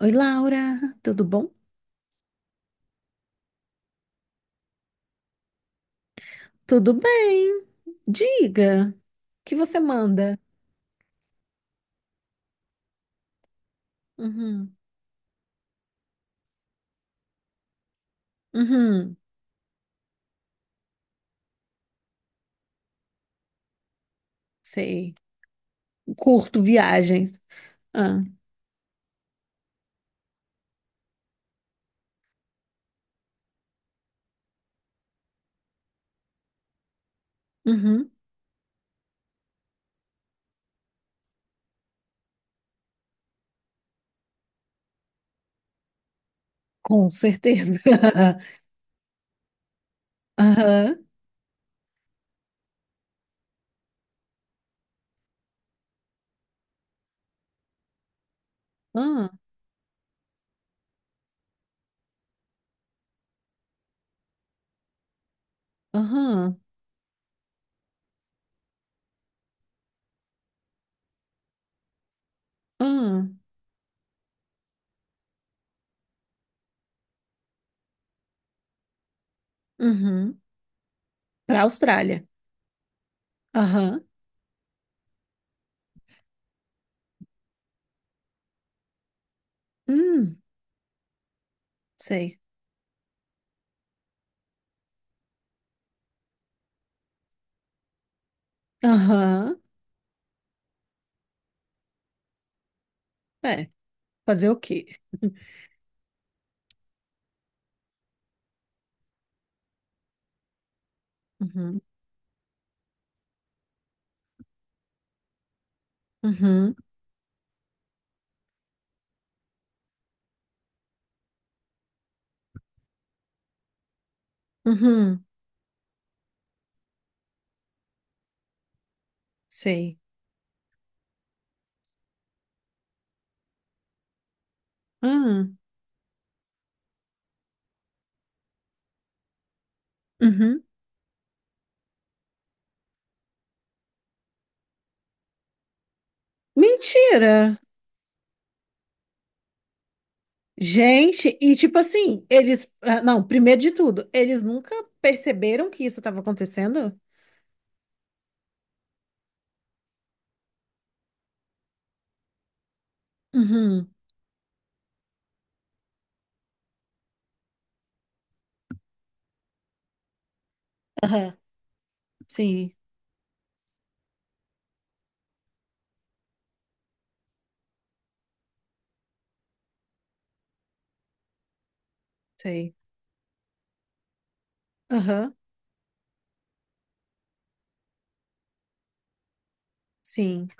Oi, Laura, tudo bom? Tudo bem? Diga, o que você manda? Uhum, uhum, sei. Curto viagens. Ah, uhum, com certeza. Aham, ah, aham, ah, uhum. Para a Austrália. Aham, hum, sei. Aham, é, fazer o quê? Uhum, uhum, uhum, sei. Ah, uhum. Mentira! Gente, e tipo assim, eles. Não, primeiro de tudo, eles nunca perceberam que isso estava acontecendo? Uhum. Aham. Sim, sei. Aham. Sim.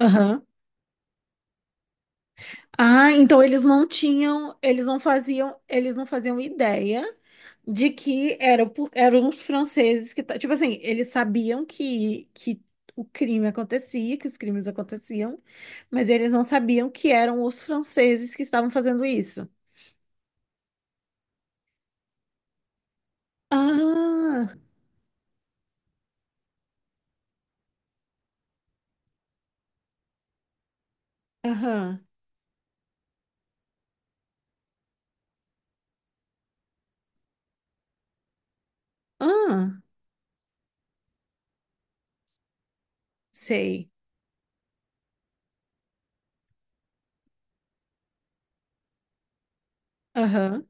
Aham. Ah, então eles não tinham, eles não faziam ideia de que era, eram os franceses que, tipo assim, eles sabiam que o crime acontecia, que os crimes aconteciam, mas eles não sabiam que eram os franceses que estavam fazendo isso. Ah! Aham. Ah, sei. Aham.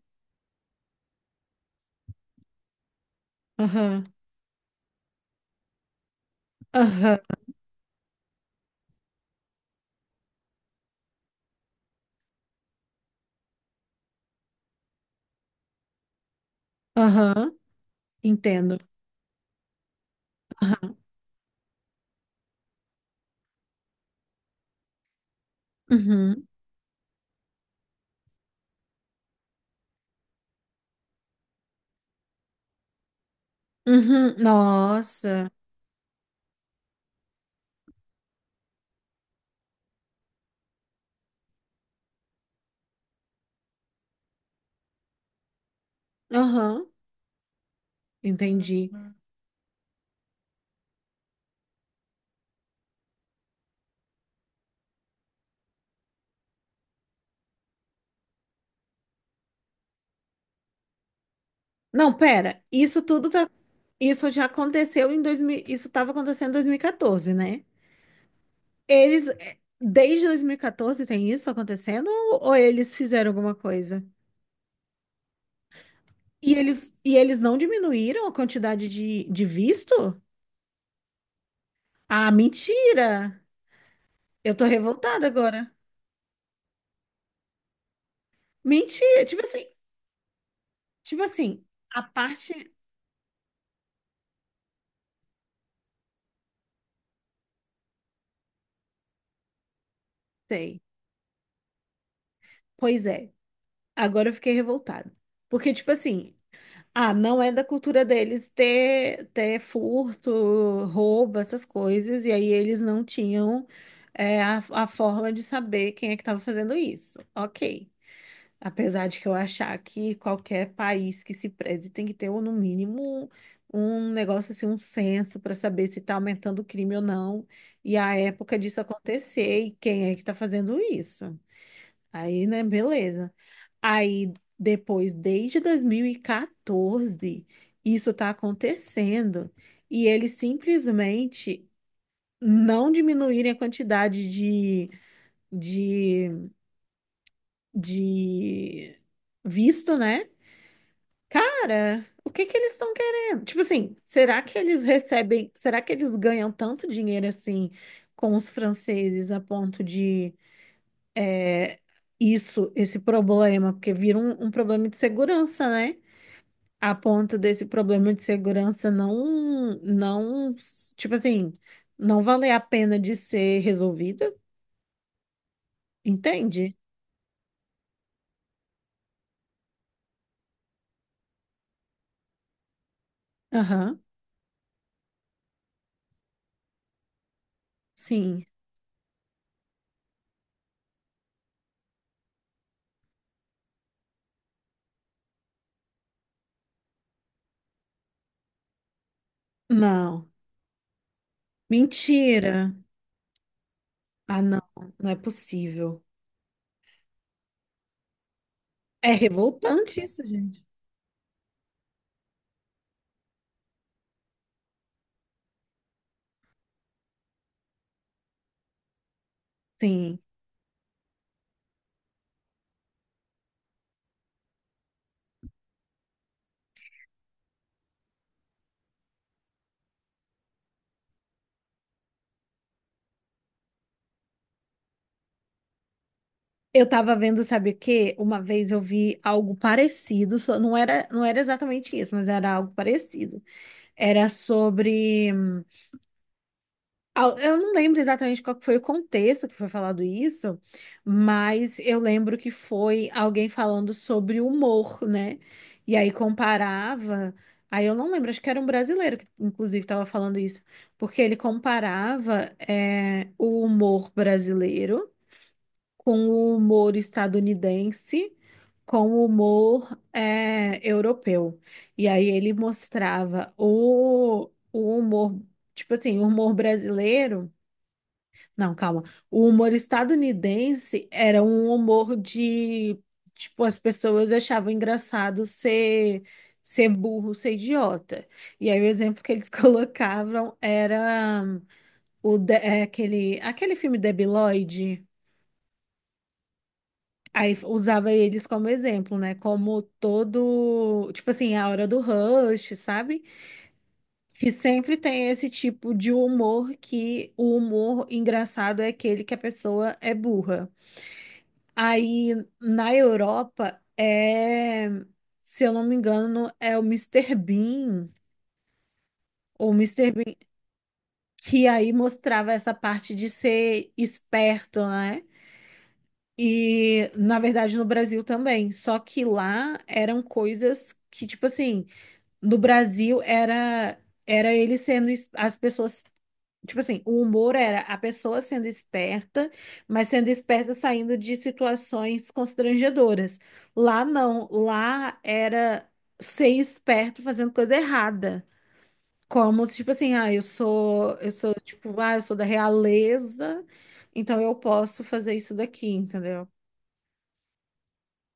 Aham. Aham. Aham. Entendo. Aham. Uhum. Uhum. Nossa. Aham. Entendi. Não, pera. Isso tudo tá. Isso já aconteceu em 2000 Isso estava acontecendo em 2014, né? Desde 2014 tem isso acontecendo? Ou eles fizeram alguma coisa? E eles não diminuíram a quantidade de visto? Ah, mentira! Eu tô revoltada agora. Mentira, tipo assim, tipo assim, a parte, sei, pois é, agora eu fiquei revoltada, porque tipo assim, ah, não é da cultura deles ter, ter furto, roubo, essas coisas, e aí eles não tinham a forma de saber quem é que estava fazendo isso, ok. Apesar de que eu achar que qualquer país que se preze tem que ter, ou no mínimo, um negócio assim, um censo para saber se está aumentando o crime ou não, e a época disso acontecer e quem é que está fazendo isso. Aí, né, beleza. Aí, depois, desde 2014, isso está acontecendo, e eles simplesmente não diminuírem a quantidade de, de visto, né? Cara, o que que eles estão querendo? Tipo assim, será que eles recebem, será que eles ganham tanto dinheiro assim com os franceses a ponto de é, isso, esse problema, porque vira um, um problema de segurança, né? A ponto desse problema de segurança não, tipo assim, não valer a pena de ser resolvido, entende? Aham, sim. Não. Mentira. Ah, não, não é possível. É revoltante isso, gente. Sim. Eu tava vendo, sabe o quê? Uma vez eu vi algo parecido, não era, não era exatamente isso, mas era algo parecido. Era sobre. Eu não lembro exatamente qual que foi o contexto que foi falado isso, mas eu lembro que foi alguém falando sobre humor, né? E aí comparava. Aí eu não lembro, acho que era um brasileiro que, inclusive, estava falando isso, porque ele comparava, é, o humor brasileiro, com o humor estadunidense, com o humor europeu. E aí ele mostrava o humor, tipo assim, o humor brasileiro. Não, calma. O humor estadunidense era um humor de, tipo, as pessoas achavam engraçado ser, ser burro, ser idiota. E aí o exemplo que eles colocavam era aquele, aquele filme Debiloide. Aí usava eles como exemplo, né? Como todo, tipo assim, a hora do rush, sabe? Que sempre tem esse tipo de humor que o humor engraçado é aquele que a pessoa é burra. Aí na Europa é, se eu não me engano, é o Mister Bean ou Mister Bean que aí mostrava essa parte de ser esperto, né? E, na verdade, no Brasil também. Só que lá eram coisas que, tipo assim, no Brasil era era ele sendo as pessoas, tipo assim, o humor era a pessoa sendo esperta, mas sendo esperta saindo de situações constrangedoras. Lá não, lá era ser esperto fazendo coisa errada. Como se, tipo assim, ah, eu sou, tipo, ah, eu sou da realeza, então eu posso fazer isso daqui, entendeu?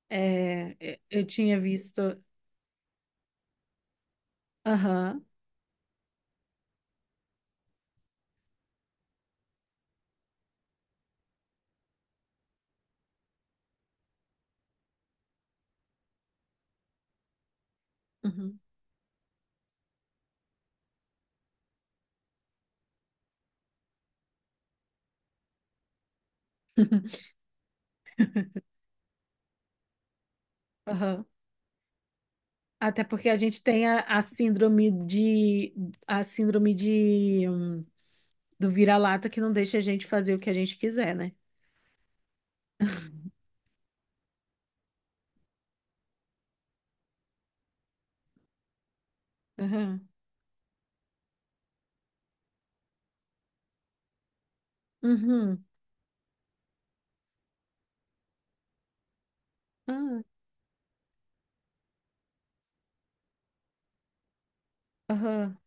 É, eu tinha visto. Aham. uhum, Aham. Até porque a gente tem a síndrome de a síndrome de hum, do vira-lata que não deixa a gente fazer o que a gente quiser, né? Aham. Uhum. Ah, Aham.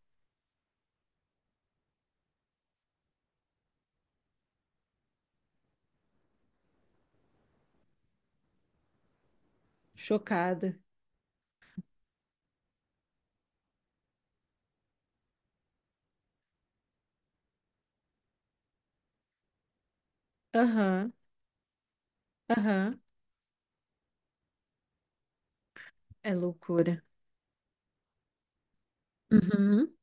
Chocada. Aham. Aham. É loucura. Uhum.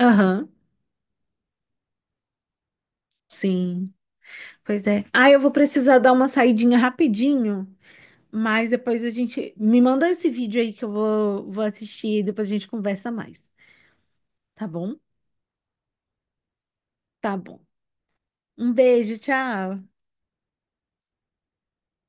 Aham. Sim. Pois é. Ah, eu vou precisar dar uma saidinha rapidinho, mas depois a gente me manda esse vídeo aí que eu vou assistir e depois a gente conversa mais, tá bom? Tá bom. Um beijo, tchau.